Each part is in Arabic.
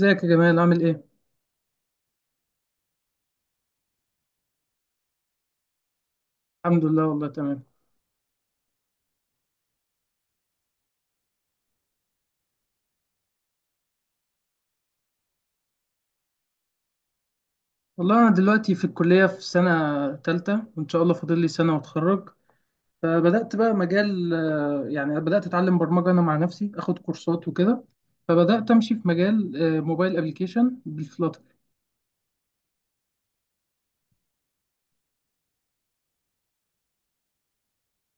ازيك يا جمال عامل ايه؟ الحمد لله والله تمام. والله انا دلوقتي في الكلية في سنة تالتة، وان شاء الله فاضل لي سنة واتخرج. فبدأت بقى مجال يعني بدأت اتعلم برمجة انا مع نفسي، اخد كورسات وكده. فبدأت امشي في مجال موبايل ابلكيشن.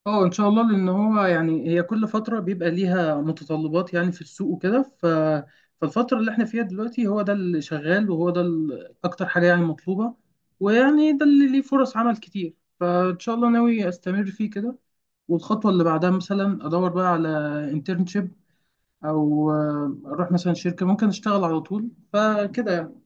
اه ان شاء الله، لان هو يعني هي كل فتره بيبقى ليها متطلبات يعني في السوق وكده. فالفتره اللي احنا فيها دلوقتي هو ده اللي شغال، وهو ده اكتر حاجه يعني مطلوبه، ويعني ده اللي ليه فرص عمل كتير. فان شاء الله ناوي استمر فيه كده. والخطوه اللي بعدها مثلا ادور بقى على انترنشيب، او اروح مثلا شركه ممكن اشتغل على طول، فكده.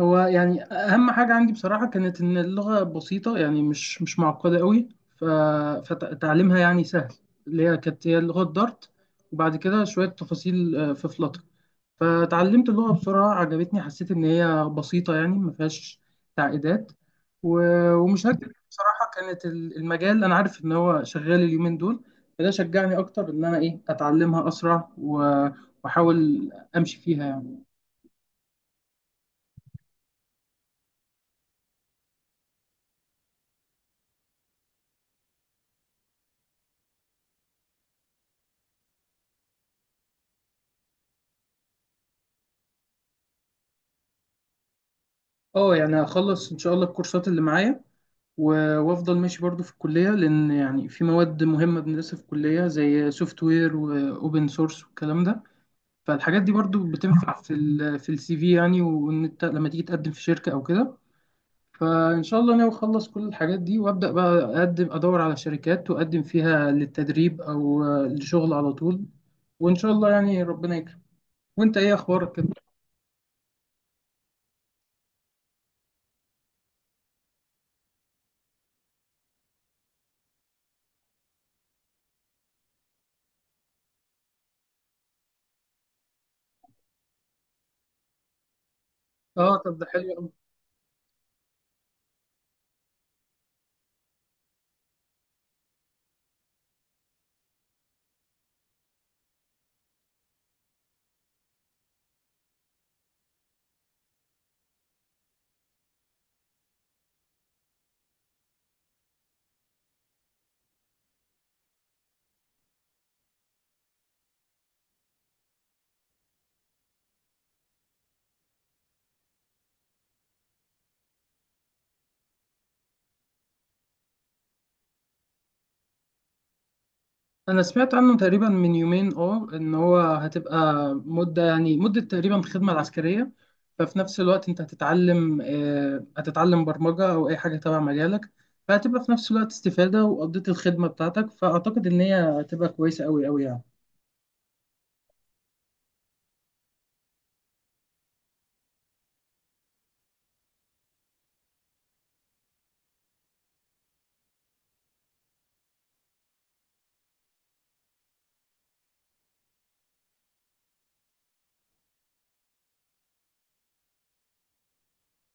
هو يعني اهم حاجه عندي بصراحه كانت ان اللغه بسيطه، يعني مش معقده قوي. ف... فتعليمها يعني سهل. اللي هي كانت هي لغه دارت، وبعد كده شويه تفاصيل في فلاتر. فتعلمت اللغه بسرعه، عجبتني، حسيت ان هي بسيطه يعني ما فيهاش تعقيدات. و... ومش هكذب بصراحه، كانت المجال انا عارف ان هو شغال اليومين دول، فده شجعني اكتر ان انا ايه اتعلمها اسرع واحاول امشي فيها يعني. اه يعني هخلص ان شاء الله الكورسات اللي معايا، وافضل ماشي برضو في الكليه، لان يعني في مواد مهمه بندرسها في الكليه زي سوفت وير واوبن سورس والكلام ده. فالحاجات دي برضو بتنفع في السي في يعني، وان انت لما تيجي تقدم في شركه او كده. فان شاء الله ناوي اخلص كل الحاجات دي وابدا بقى اقدم، ادور على شركات واقدم فيها للتدريب او للشغل على طول. وان شاء الله يعني ربنا يكرم. وانت ايه اخبارك كده؟ اه طب ده حلو. انا سمعت عنه تقريبا من يومين، اه ان هو هتبقى مده، يعني مده تقريبا الخدمه العسكريه. ففي نفس الوقت انت هتتعلم هتتعلم برمجه او اي حاجه تبع مجالك، فهتبقى في نفس الوقت استفاده وقضيت الخدمه بتاعتك. فاعتقد ان هي هتبقى كويسه قوي قوي يعني.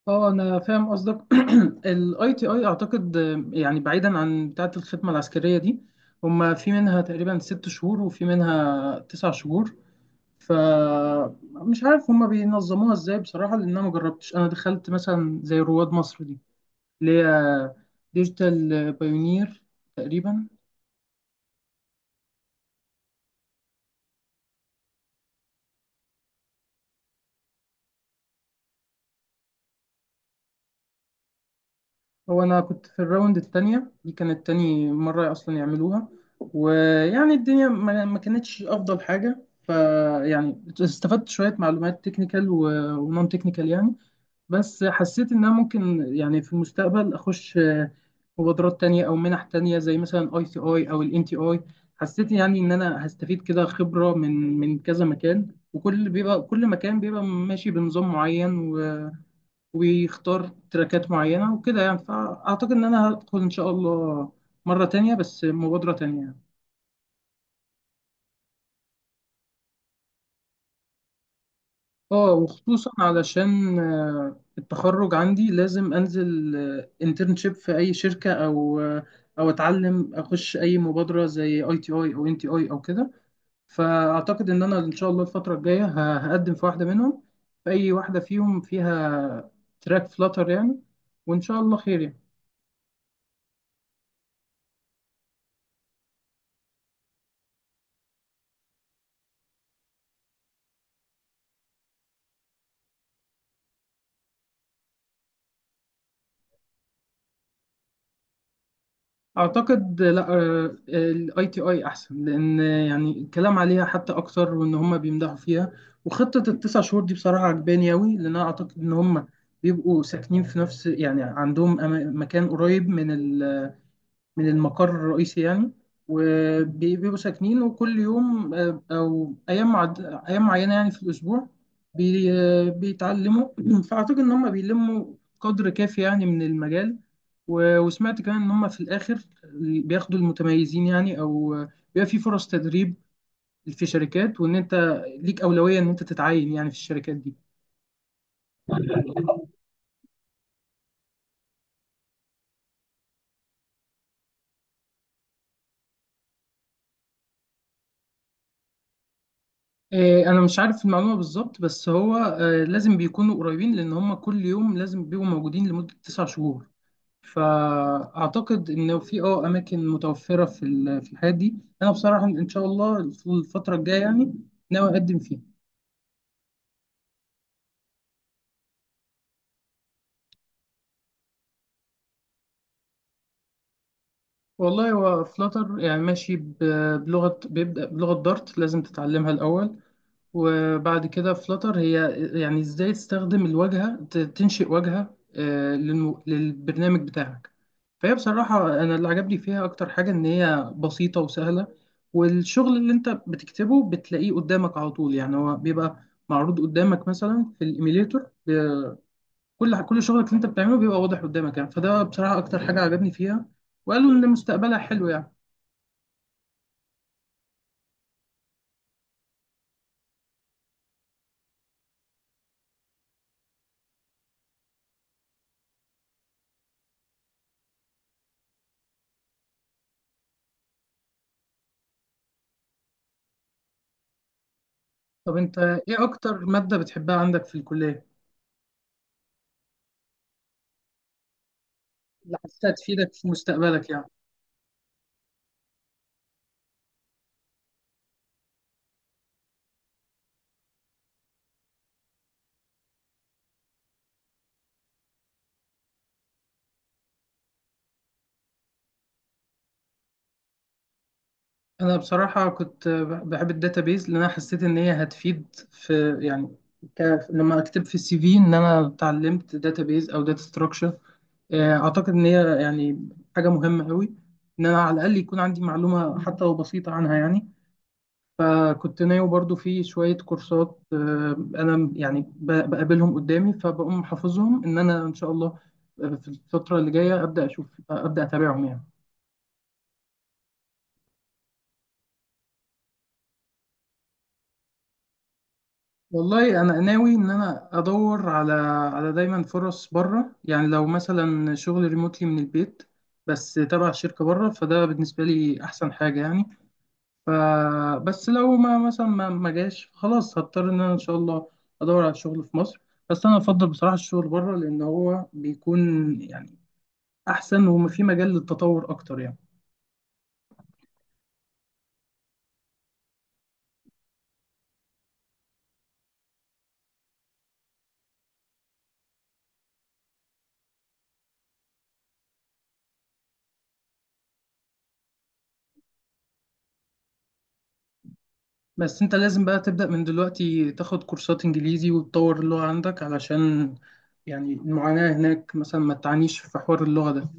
اه انا فاهم قصدك. الاي تي اي اعتقد يعني بعيدا عن بتاعه الخدمه العسكريه دي، هما في منها تقريبا 6 شهور وفي منها 9 شهور. فمش عارف هما بينظموها ازاي بصراحة، لأن أنا مجربتش. أنا دخلت مثلا زي رواد مصر دي، اللي هي ديجيتال بايونير تقريبا. هو أنا كنت في الراوند التانية، دي كانت تاني مرة أصلا يعملوها. ويعني الدنيا ما كانتش أفضل حاجة، فيعني استفدت شوية معلومات تكنيكال ونون تكنيكال يعني. بس حسيت إن أنا ممكن يعني في المستقبل أخش مبادرات تانية أو منح تانية زي مثلا أي سي أي أو الإن تي أي. حسيت يعني إن أنا هستفيد كده خبرة من من كذا مكان، وكل بيبقى كل مكان بيبقى ماشي بنظام معين ويختار تراكات معينة وكده يعني. فأعتقد إن أنا هدخل إن شاء الله مرة تانية بس مبادرة تانية يعني. اه وخصوصا علشان التخرج عندي لازم انزل انترنشيب في اي شركه، او او اتعلم اخش اي مبادره زي اي تي اي او ان تي اي او كده. فاعتقد ان انا ان شاء الله الفتره الجايه هقدم في واحده منهم، في اي واحده فيهم فيها تراك فلاتر يعني. وان شاء الله خير يعني. اعتقد لا، الاي تي اي احسن، لان يعني الكلام عليها حتى اكتر وان هم بيمدحوا فيها. وخطه التسع شهور دي بصراحه عجباني قوي، لان انا اعتقد ان هم بيبقوا ساكنين في نفس، يعني عندهم مكان قريب من من المقر الرئيسي يعني. وبيبقوا ساكنين، وكل يوم أو أيام أيام معينة يعني في الأسبوع بي... آه، بيتعلموا. فأعتقد إن هم بيلموا قدر كافي يعني من المجال. وسمعت كمان إن هم في الآخر بياخدوا المتميزين يعني، أو بيبقى في فرص تدريب في شركات، وإن أنت ليك أولوية إن أنت تتعين يعني في الشركات دي. انا مش عارف المعلومه بالظبط، بس هو لازم بيكونوا قريبين لان هم كل يوم لازم بيبقوا موجودين لمده 9 شهور. فاعتقد ان في اه اماكن متوفره في الحاجات دي. انا بصراحه ان شاء الله في الفتره الجايه يعني ناوي اقدم فيها. والله هو فلاتر يعني ماشي بلغه، بيبدا بلغه دارت لازم تتعلمها الاول. وبعد كده فلتر هي يعني ازاي تستخدم الواجهة، تنشئ واجهة للبرنامج بتاعك. فهي بصراحة أنا اللي عجبني فيها أكتر حاجة إن هي بسيطة وسهلة، والشغل اللي أنت بتكتبه بتلاقيه قدامك على طول. يعني هو بيبقى معروض قدامك مثلا في الإيميليتور، كل شغلك اللي أنت بتعمله بيبقى واضح قدامك يعني. فده بصراحة أكتر حاجة عجبني فيها، وقالوا إن مستقبلها حلو يعني. طب أنت إيه أكتر مادة بتحبها عندك في الكلية، اللي حاسسها تفيدك في مستقبلك يعني؟ انا بصراحه كنت بحب الداتابيز، لان انا حسيت ان هي هتفيد في يعني لما اكتب في السي في ان انا اتعلمت داتابيز او داتا ستراكشر. اعتقد ان هي يعني حاجه مهمه قوي ان انا على الاقل يكون عندي معلومه حتى لو بسيطه عنها يعني. فكنت ناوي برضو في شويه كورسات انا يعني بقابلهم قدامي، فبقوم حافظهم ان انا ان شاء الله في الفتره اللي جايه ابدا اشوف ابدا اتابعهم يعني. والله انا ناوي ان انا ادور على دايما فرص بره يعني، لو مثلا شغل ريموتلي من البيت بس تبع شركه بره، فده بالنسبه لي احسن حاجه يعني. فبس لو ما مثلا ما جاش خلاص هضطر ان انا ان شاء الله ادور على شغل في مصر. بس انا افضل بصراحه الشغل بره لان هو بيكون يعني احسن، وفي مجال للتطور اكتر يعني. بس انت لازم بقى تبدأ من دلوقتي تاخد كورسات انجليزي، وتطور اللغة عندك علشان يعني المعاناة هناك مثلا ما تعانيش في حوار اللغة ده.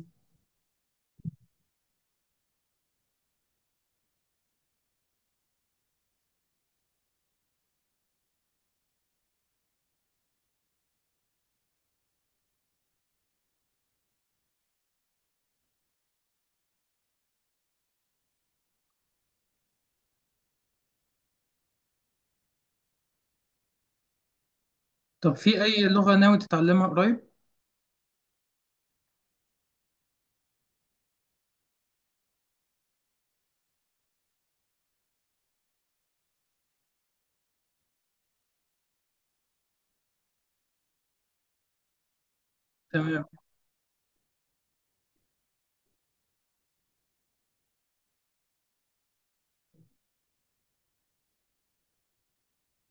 طب في اي لغة ناوي تتعلمها قريب؟ تمام.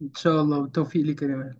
ان شاء الله والتوفيق ليك يا جمال.